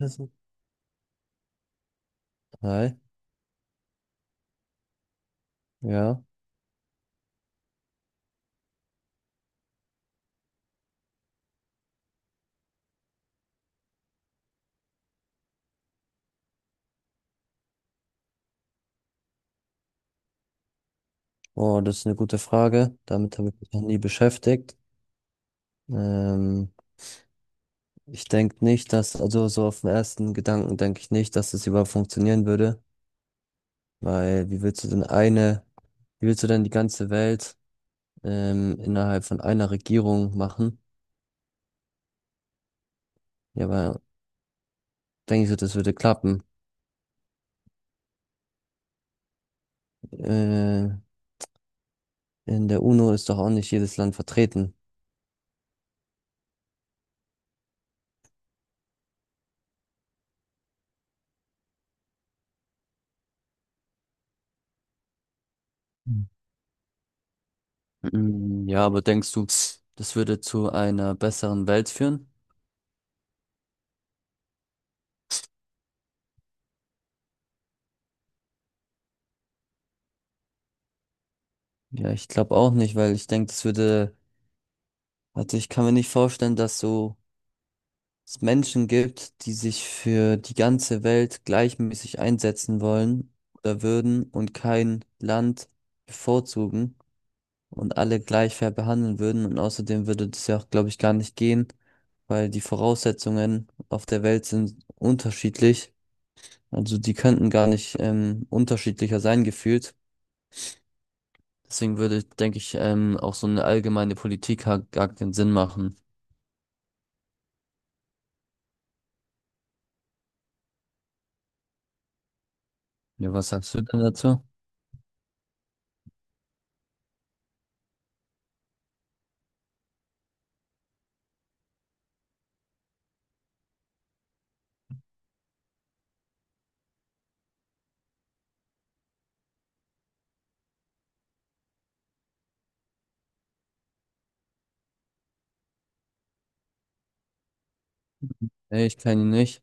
Also, Hi, ja. Oh, das ist eine gute Frage. Damit habe ich mich noch nie beschäftigt. Ähm, Ich denke nicht, dass, also so auf den ersten Gedanken denke ich nicht, dass das überhaupt funktionieren würde, weil wie willst du denn eine, wie willst du denn die ganze Welt innerhalb von einer Regierung machen? Ja, aber denke ich so, das würde klappen. Äh, in der UNO ist doch auch nicht jedes Land vertreten. Hm. Mm, ja, aber denkst du, das würde zu einer besseren Welt führen? Ja, ich glaube auch nicht, weil ich denke, das würde, also ich kann mir nicht vorstellen, dass so es Menschen gibt, die sich für die ganze Welt gleichmäßig einsetzen wollen oder würden und kein Land bevorzugen und alle gleich fair behandeln würden. Und außerdem würde das ja auch, glaube ich, gar nicht gehen, weil die Voraussetzungen auf der Welt sind unterschiedlich. Also die könnten gar nicht unterschiedlicher sein gefühlt. Deswegen würde, denke ich, auch so eine allgemeine Politik gar keinen Sinn machen. Ja, was sagst du denn dazu? Ey, ich kenne ihn nicht.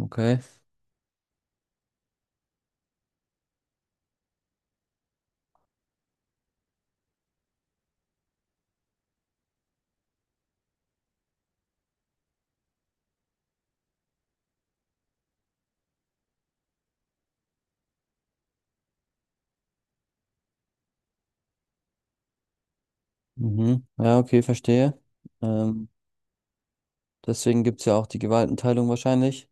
Okay. Mhm. Ja, okay, verstehe. Ähm, Deswegen gibt's ja auch die Gewaltenteilung wahrscheinlich.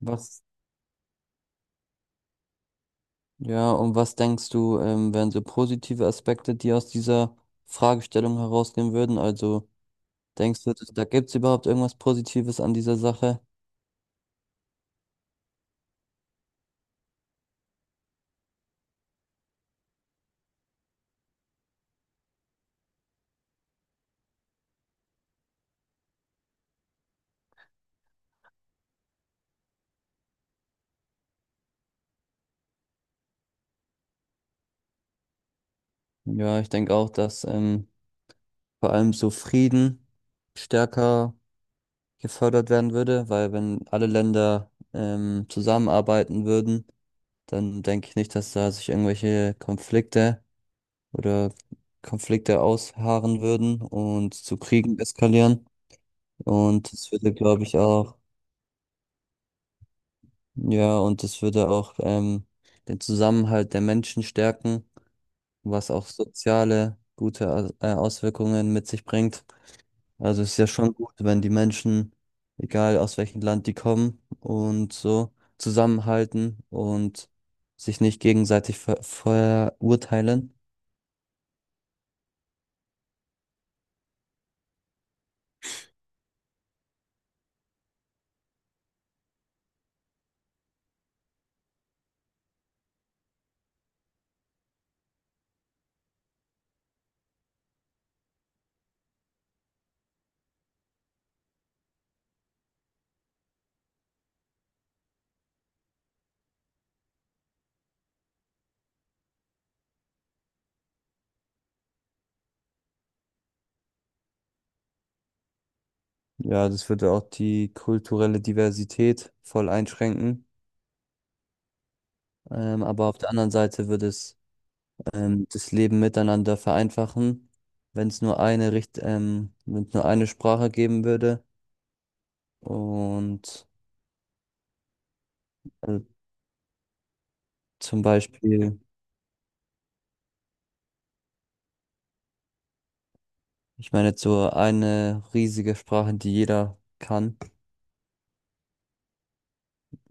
Was, ja, und was denkst du, wären so positive Aspekte, die aus dieser Fragestellung herausgehen würden? Also, denkst du, da gibt's überhaupt irgendwas Positives an dieser Sache? Ja, ich denke auch, dass vor allem so Frieden stärker gefördert werden würde, weil wenn alle Länder zusammenarbeiten würden, dann denke ich nicht, dass da sich irgendwelche Konflikte oder Konflikte ausharren würden und zu Kriegen eskalieren. Und das würde, glaube ich, auch, ja, und das würde auch den Zusammenhalt der Menschen stärken, was auch soziale gute Auswirkungen mit sich bringt. Also es ist ja schon gut, wenn die Menschen, egal aus welchem Land die kommen und so, zusammenhalten und sich nicht gegenseitig verurteilen. Ja, das würde auch die kulturelle Diversität voll einschränken. Aber auf der anderen Seite würde es das Leben miteinander vereinfachen, wenn es nur eine Richt wenn es nur eine Sprache geben würde. Und äh, zum Beispiel, ich meine, jetzt so eine riesige Sprache, die jeder kann.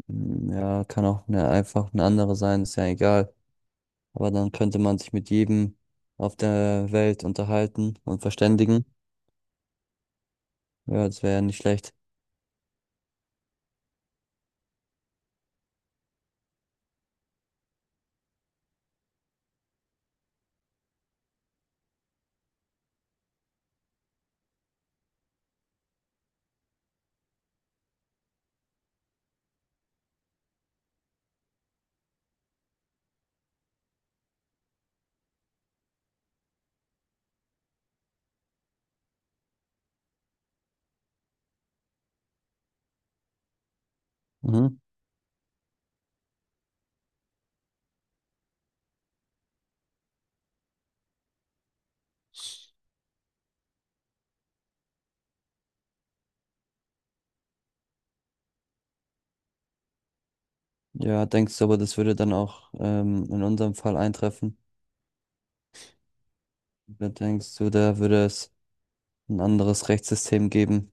Mm, ja, kann auch einfach eine andere sein, ist ja egal. Aber dann könnte man sich mit jedem auf der Welt unterhalten und verständigen. Ja, das wäre ja nicht schlecht. Mhm. Ja, denkst du aber, das würde dann auch in unserem Fall eintreffen? Oder denkst du, da würde es ein anderes Rechtssystem geben?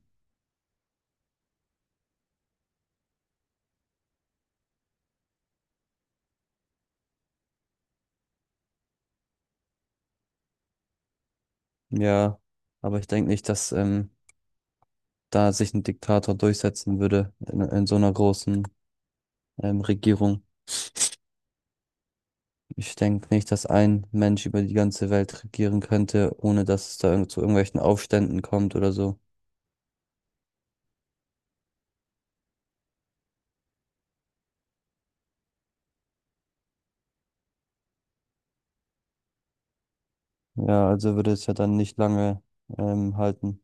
Ja, aber ich denke nicht, dass da sich ein Diktator durchsetzen würde in so einer großen Regierung. Ich denke nicht, dass ein Mensch über die ganze Welt regieren könnte, ohne dass es da irgend zu irgendwelchen Aufständen kommt oder so. Ja, also würde es ja dann nicht lange halten.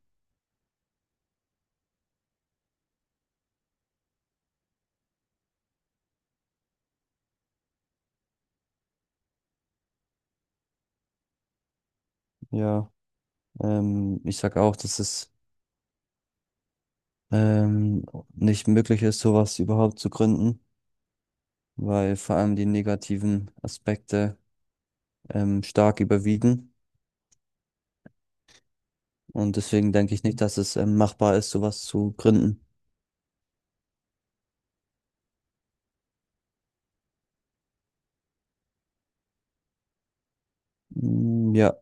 Ja, ich sag auch, dass es ähm, nicht möglich ist, sowas überhaupt zu gründen, weil vor allem die negativen Aspekte stark überwiegen. Und deswegen denke ich nicht, dass es machbar ist, sowas zu gründen. Mm, ja,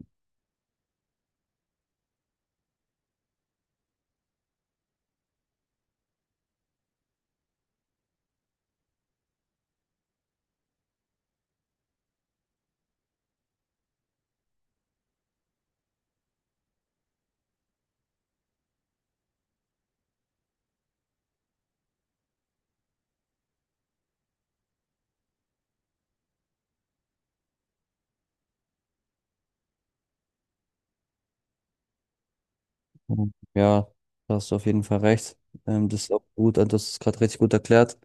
ja, da hast du auf jeden Fall recht. Das ist auch gut, also das ist gerade richtig gut erklärt.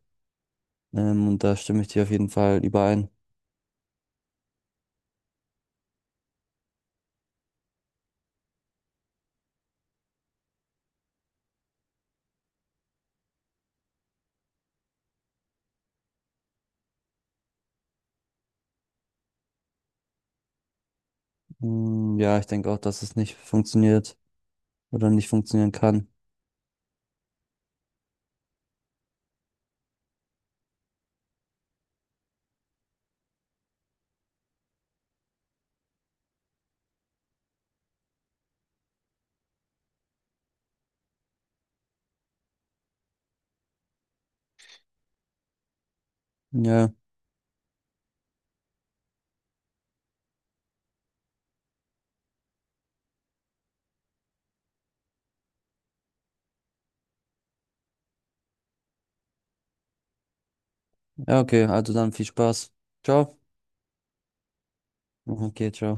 Und da stimme ich dir auf jeden Fall überein. Mm, ja, ich denke auch, dass es nicht funktioniert oder nicht funktionieren kann. Ja, ja, okay, also dann viel Spaß. Ciao. Okay, ciao.